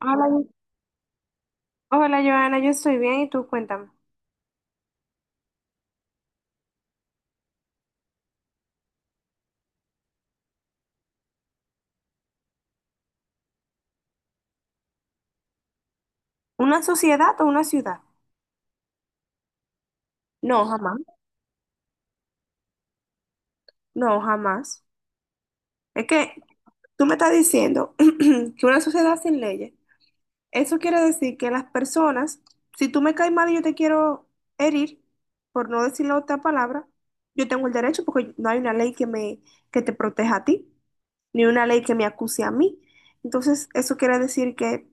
Hola, Joana, yo estoy bien y tú cuéntame. ¿Una sociedad o una ciudad? No, jamás. No, jamás. Es que tú me estás diciendo que una sociedad sin leyes, eso quiere decir que las personas, si tú me caes mal y yo te quiero herir, por no decir la otra palabra, yo tengo el derecho porque no hay una ley que me, que te proteja a ti, ni una ley que me acuse a mí. Entonces, eso quiere decir que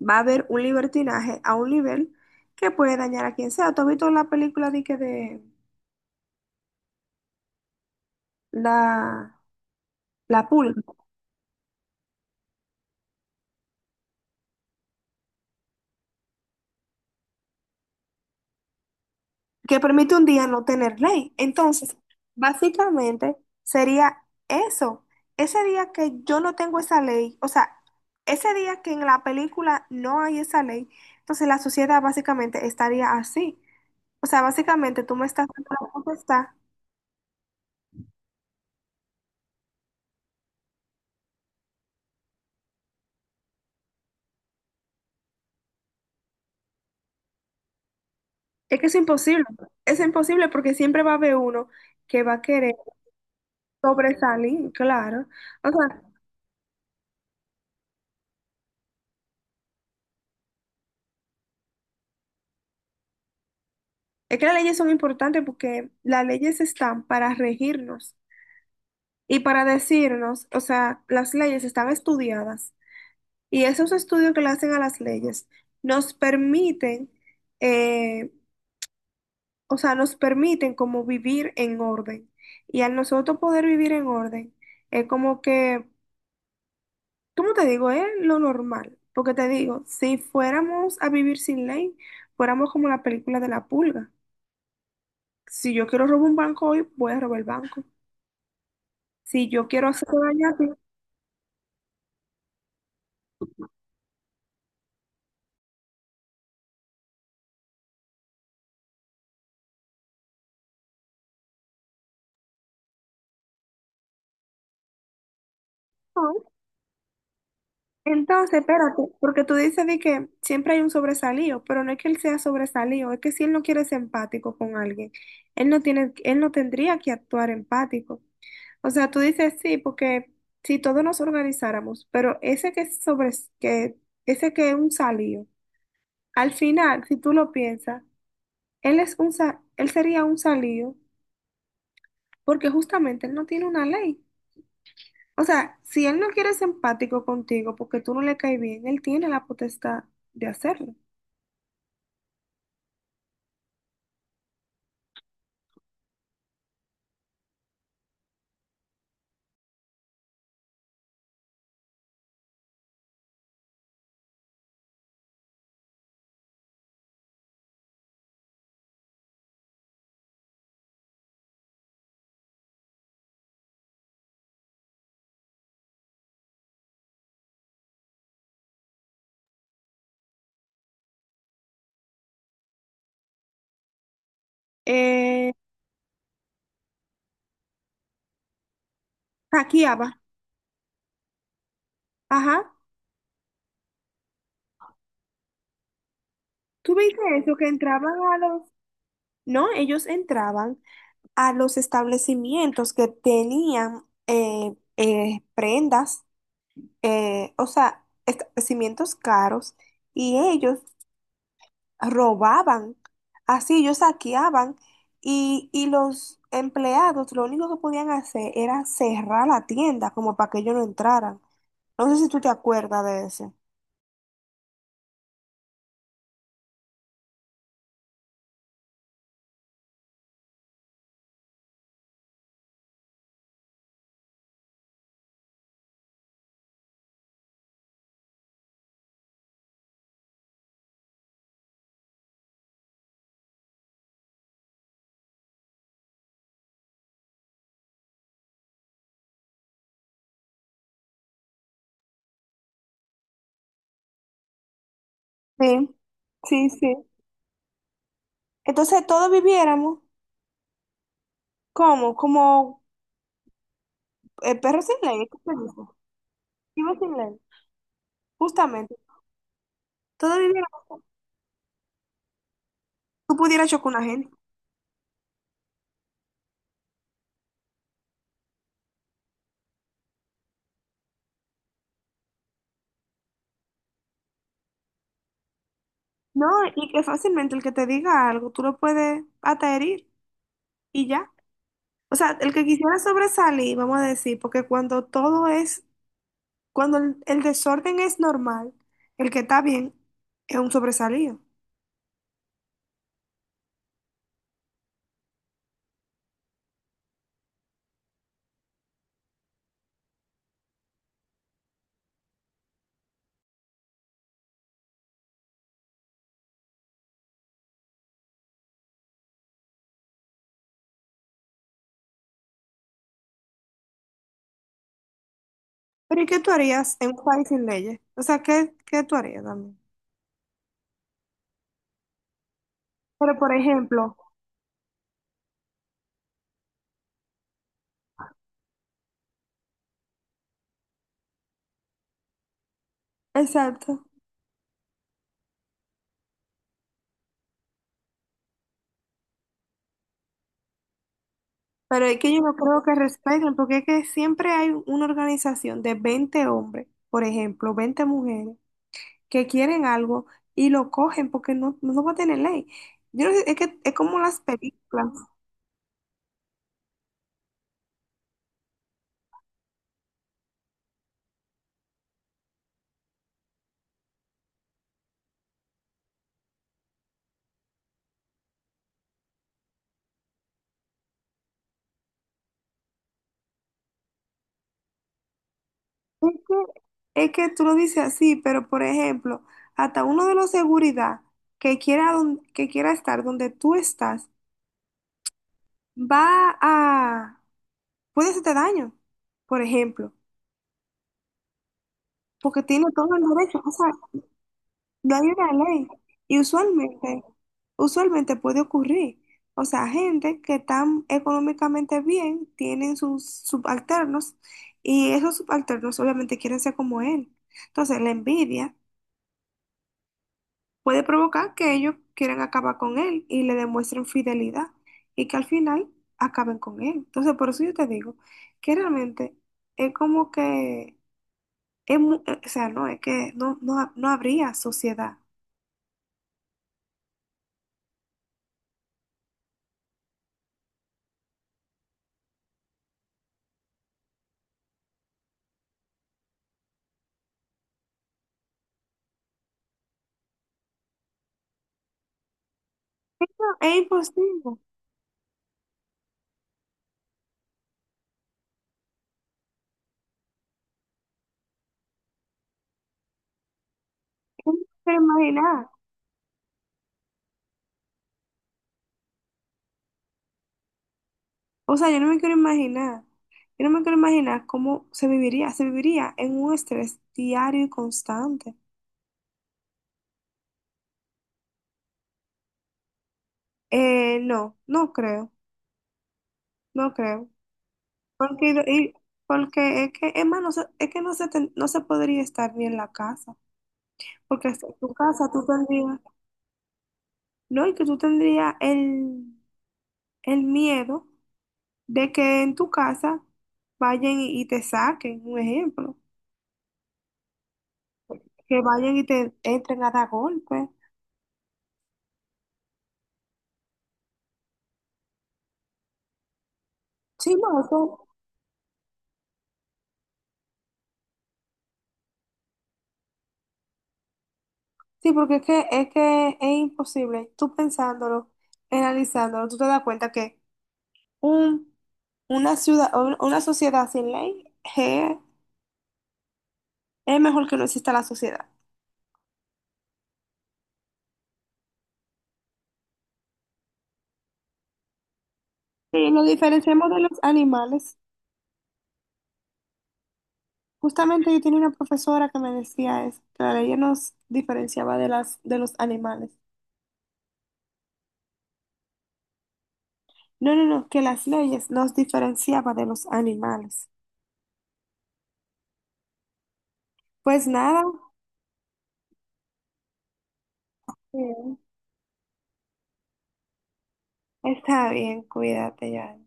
va a haber un libertinaje a un nivel que puede dañar a quien sea. ¿Tú has visto la película de, que la, la pulga? Que permite un día no tener ley. Entonces, básicamente sería eso. Ese día que yo no tengo esa ley, o sea, ese día que en la película no hay esa ley, entonces la sociedad básicamente estaría así. O sea, básicamente tú me estás dando la potestad. Es que es imposible. Es imposible porque siempre va a haber uno que va a querer. Sobresalir, claro. O sea, es que las leyes son importantes porque las leyes están para regirnos y para decirnos, o sea, las leyes están estudiadas y esos estudios que le hacen a las leyes nos permiten, eh, o sea, nos permiten como vivir en orden. Y al nosotros poder vivir en orden, es como que, ¿cómo te digo? Es lo normal. Porque te digo, si fuéramos a vivir sin ley, fuéramos como la película de la pulga. Si yo quiero robar un banco hoy, voy a robar el banco. Si yo quiero hacerte daño a ti, no. Entonces, espérate, porque tú dices de que siempre hay un sobresalido, pero no es que él sea sobresalido, es que si él no quiere ser empático con alguien, él no tendría que actuar empático. O sea, tú dices sí, porque si todos nos organizáramos, pero que, ese que es un salido, al final, si tú lo piensas, él sería un salido porque justamente él no tiene una ley. O sea, si él no quiere ser empático contigo porque tú no le caes bien, él tiene la potestad de hacerlo. Eh, Saqueaba. Ajá. ¿Tú viste eso? Que entraban a los... No, ellos entraban a los establecimientos que tenían prendas, o sea, establecimientos caros, y ellos robaban, así ellos saqueaban y los empleados lo único que podían hacer era cerrar la tienda como para que ellos no entraran. No sé si tú te acuerdas de eso. Sí, sí, sí. Entonces todos viviéramos como, perros sin ley, ¿qué se dice? Chivos sin ley, justamente. Todos viviéramos, como si tú pudieras chocar una gente. No, y que fácilmente el que te diga algo, tú lo puedes hasta herir y ya. O sea, el que quisiera sobresalir, vamos a decir, porque cuando todo es, cuando el desorden es normal, el que está bien es un sobresalido. Pero ¿y qué tú harías en un país sin leyes? O sea, qué tú harías también? Pero por ejemplo, exacto, pero es que yo no creo que respeten, porque es que siempre hay una organización de 20 hombres, por ejemplo, 20 mujeres, que quieren algo y lo cogen porque no va a tener ley. Yo no sé, es que es como las películas. Es que tú lo dices así, pero por ejemplo, hasta uno de los seguridad que quiera, que quiera estar donde tú estás, va a, puede hacerte daño, por ejemplo, porque tiene todo el derecho, o sea, no hay una ley. Y usualmente, usualmente puede ocurrir. O sea, gente que están económicamente bien, tienen sus subalternos, y esos subalternos obviamente quieren ser como él. Entonces, la envidia puede provocar que ellos quieran acabar con él y le demuestren fidelidad y que al final acaben con él. Entonces, por eso yo te digo que realmente es como que, o sea, no, es que no habría sociedad. No, es imposible, yo no me quiero imaginar. O sea, yo no me quiero imaginar. Yo no me quiero imaginar cómo se viviría. Se viviría en un estrés diario y constante. No, no creo, no creo. Porque, y- porque es que, es más, no se, es que no se, ten- no se podría estar bien en la casa. Porque hasta en tu casa tú tendrías, no, y que tú tendrías el miedo de que en tu casa vayan y te saquen, un ejemplo. Que vayan y te entren a dar golpes. Sí, no, eso, sí, porque es que, es que es imposible. Tú pensándolo, analizándolo, tú te das cuenta que un, una ciudad, una sociedad sin ley je, es mejor que no exista la sociedad. Sí, nos diferenciamos de los animales. Justamente yo tenía una profesora que me decía eso, que la ley nos diferenciaba de de los animales. No, no, no, que las leyes nos diferenciaba de los animales. Pues nada, sí, está bien, cuídate ya.